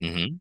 Mhm.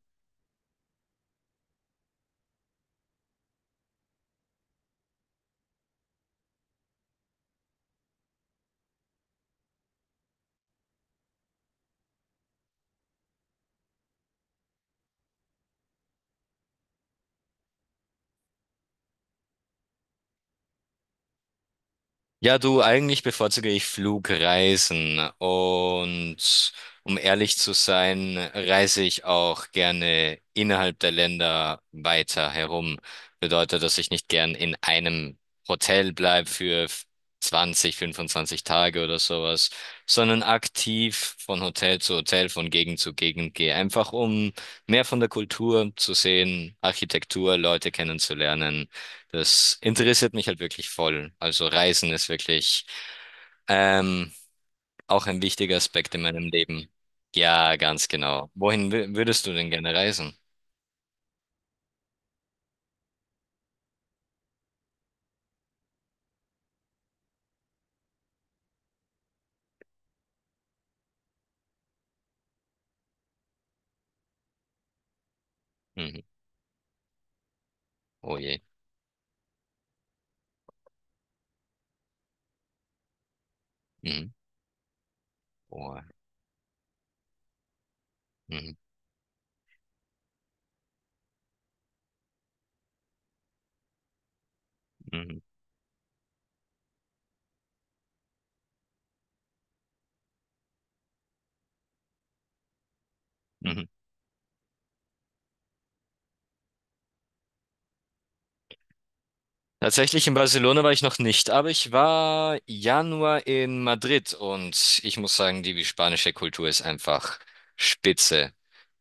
Ja, du, eigentlich bevorzuge ich Flugreisen und, um ehrlich zu sein, reise ich auch gerne innerhalb der Länder weiter herum. Bedeutet, dass ich nicht gern in einem Hotel bleibe für 20, 25 Tage oder sowas, sondern aktiv von Hotel zu Hotel, von Gegend zu Gegend gehe, einfach um mehr von der Kultur zu sehen, Architektur, Leute kennenzulernen. Das interessiert mich halt wirklich voll. Also Reisen ist wirklich ähm, auch ein wichtiger Aspekt in meinem Leben. Ja, ganz genau. Wohin würdest du denn gerne reisen? Mhm. Oh je. Mhm. Oh. Mhm. Mhm. Mhm. Tatsächlich in Barcelona war ich noch nicht, aber ich war Januar in Madrid, und ich muss sagen, die spanische Kultur ist einfach spitze.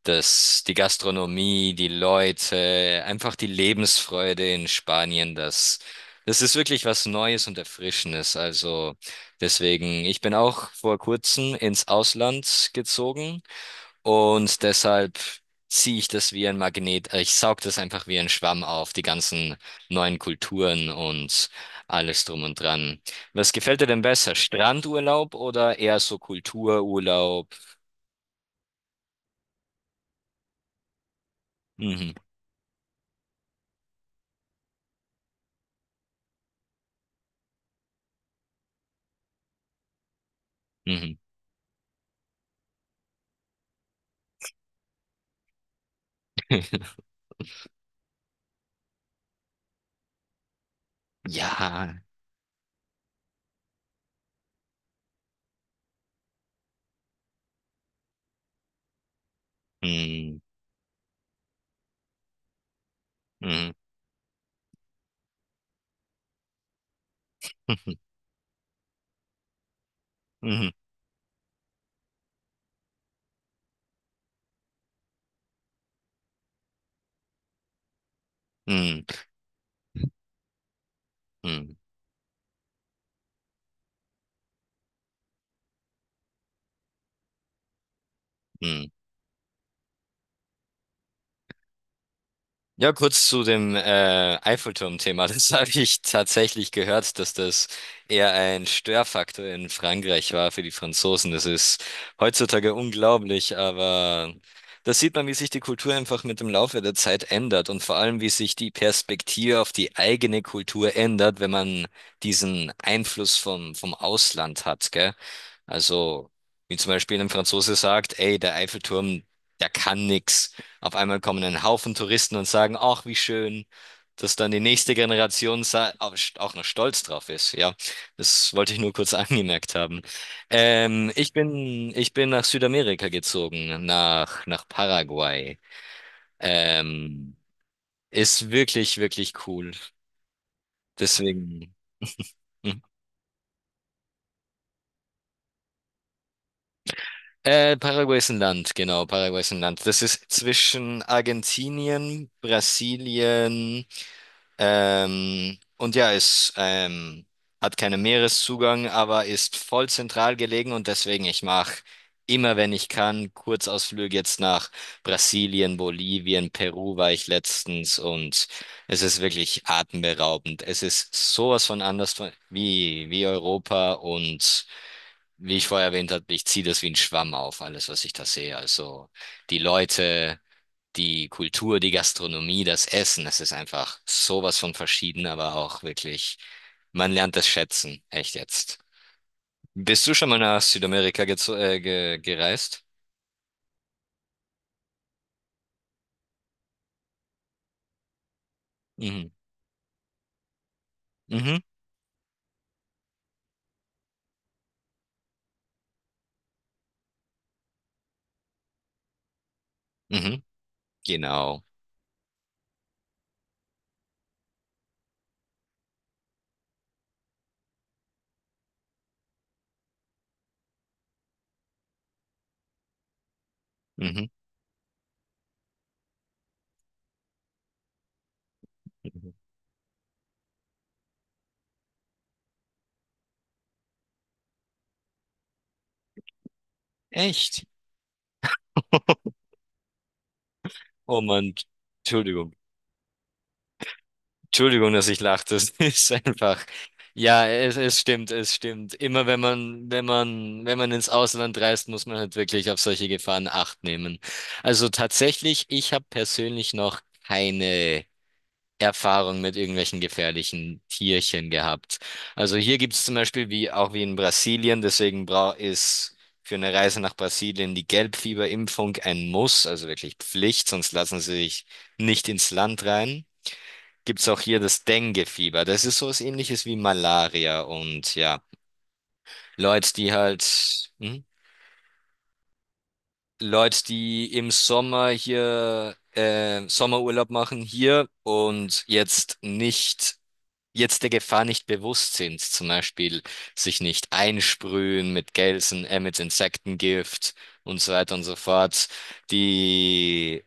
Das, die Gastronomie, die Leute, einfach die Lebensfreude in Spanien, das ist wirklich was Neues und Erfrischendes. Also deswegen, ich bin auch vor kurzem ins Ausland gezogen, und deshalb ziehe ich das wie ein Magnet, ich saug das einfach wie ein Schwamm auf, die ganzen neuen Kulturen und alles drum und dran. Was gefällt dir denn besser, Strandurlaub oder eher so Kultururlaub? Mhm, mhm. Ja. Mhm, mhm, mhm, mhm, mhm, mhm. Ja, kurz zu dem Eiffelturm-Thema. Das habe ich tatsächlich gehört, dass das eher ein Störfaktor in Frankreich war für die Franzosen. Das ist heutzutage unglaublich, aber das sieht man, wie sich die Kultur einfach mit dem Laufe der Zeit ändert und vor allem, wie sich die Perspektive auf die eigene Kultur ändert, wenn man diesen Einfluss vom Ausland hat, gell? Also, wie zum Beispiel ein Franzose sagt, ey, der Eiffelturm, der kann nix. Auf einmal kommen ein Haufen Touristen und sagen, ach, wie schön, dass dann die nächste Generation auch noch stolz drauf ist. Ja, das wollte ich nur kurz angemerkt haben. Ich bin nach Südamerika gezogen, nach Paraguay. Ähm, Ist wirklich, wirklich cool. Deswegen. Hm. Paraguay ist ein Land, genau, Paraguay ist ein Land. Das ist zwischen Argentinien, Brasilien. Es hat keinen Meereszugang, aber ist voll zentral gelegen, und deswegen ich mache immer, wenn ich kann, Kurzausflüge jetzt nach Brasilien, Bolivien, Peru war ich letztens, und es ist wirklich atemberaubend. Es ist sowas von anders von, wie Europa, und wie ich vorher erwähnt habe, ich ziehe das wie ein Schwamm auf, alles, was ich da sehe. Also die Leute, die Kultur, die Gastronomie, das Essen, es ist einfach sowas von verschieden, aber auch wirklich, man lernt es schätzen, echt jetzt. Bist du schon mal nach Südamerika gezo- ge gereist? Mhm. Mhm. Mhm. Genau. Mhm. Mhm. Echt? Oh Mann, Entschuldigung. Entschuldigung, dass ich lachte. Es ist einfach. Ja, es stimmt, es stimmt. Immer wenn man ins Ausland reist, muss man halt wirklich auf solche Gefahren Acht nehmen. Also tatsächlich, ich habe persönlich noch keine Erfahrung mit irgendwelchen gefährlichen Tierchen gehabt. Also hier gibt es zum Beispiel, wie auch wie in Brasilien, deswegen, bra ist für eine Reise nach Brasilien die Gelbfieberimpfung ein Muss, also wirklich Pflicht, sonst lassen sie sich nicht ins Land rein. Gibt's auch hier das Dengue-Fieber. Das ist so was Ähnliches wie Malaria. Und ja, Leute, die halt, hm? Leute, die im Sommer hier Sommerurlaub machen hier und jetzt der Gefahr nicht bewusst sind, zum Beispiel sich nicht einsprühen mit Gelsen, mit Insektengift und so weiter und so fort, die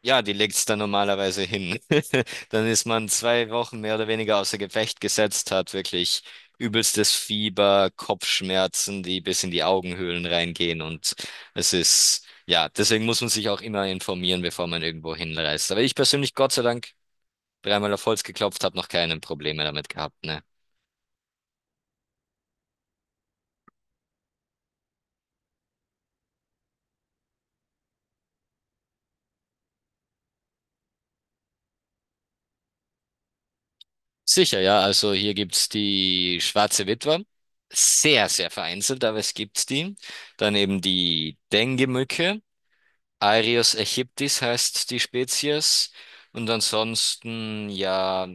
Ja, die legt's dann normalerweise hin. Dann ist man 2 Wochen mehr oder weniger außer Gefecht gesetzt, hat wirklich übelstes Fieber, Kopfschmerzen, die bis in die Augenhöhlen reingehen, und es ist, ja, deswegen muss man sich auch immer informieren, bevor man irgendwo hinreist. Aber ich persönlich, Gott sei Dank, dreimal auf Holz geklopft, habe noch keine Probleme damit gehabt, ne? Sicher, ja, also hier gibt's die Schwarze Witwe. Sehr, sehr vereinzelt, aber es gibt die. Dann eben die Dengue-Mücke. Aereus aegyptis heißt die Spezies. Und ansonsten, ja,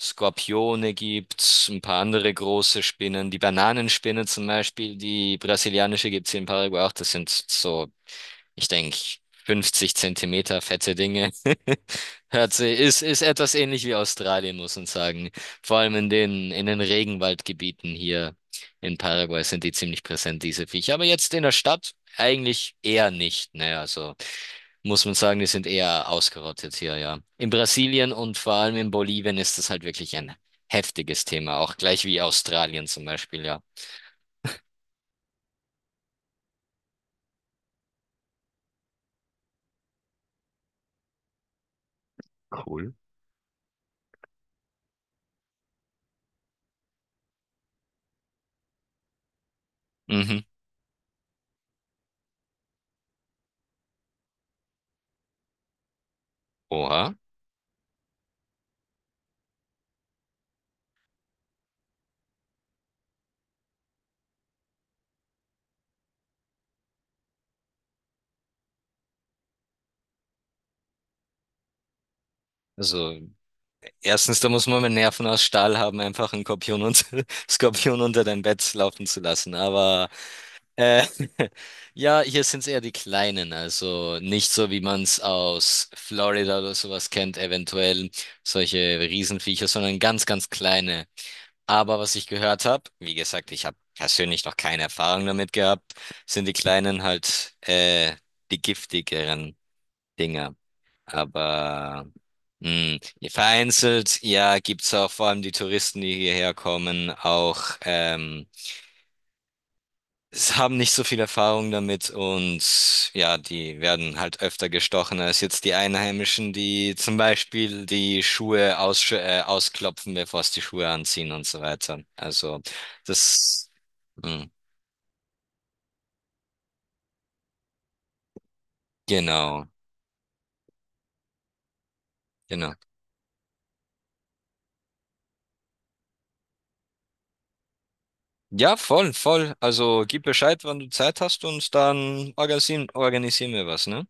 Skorpione gibt's, ein paar andere große Spinnen. Die Bananenspinne zum Beispiel, die brasilianische, gibt's hier in Paraguay auch. Das sind so, ich denke, 50 Zentimeter fette Dinge. Ist etwas ähnlich wie Australien, muss man sagen. Vor allem in den, Regenwaldgebieten hier in Paraguay sind die ziemlich präsent, diese Viecher. Aber jetzt in der Stadt eigentlich eher nicht. Naja, also muss man sagen, die sind eher ausgerottet hier, ja. In Brasilien und vor allem in Bolivien ist das halt wirklich ein heftiges Thema, auch gleich wie Australien zum Beispiel, ja. Mhm. Oha. Also erstens, da muss man mit Nerven aus Stahl haben, einfach einen Skorpion, und, Skorpion unter dein Bett laufen zu lassen. Aber äh, ja, hier sind es eher die Kleinen, also nicht so, wie man es aus Florida oder sowas kennt, eventuell solche Riesenviecher, sondern ganz, ganz kleine. Aber was ich gehört habe, wie gesagt, ich habe persönlich noch keine Erfahrung damit gehabt, sind die kleinen halt die giftigeren Dinger. Aber mh, vereinzelt, ja, gibt's auch vor allem die Touristen, die hierher kommen, auch es haben nicht so viel Erfahrung damit, und ja, die werden halt öfter gestochen als jetzt die Einheimischen, die zum Beispiel die Schuhe ausklopfen, bevor es die Schuhe anziehen und so weiter. Also das hm, genau, genau. Ja, voll, voll. Also gib Bescheid, wann du Zeit hast, und dann organisieren wir was, ne?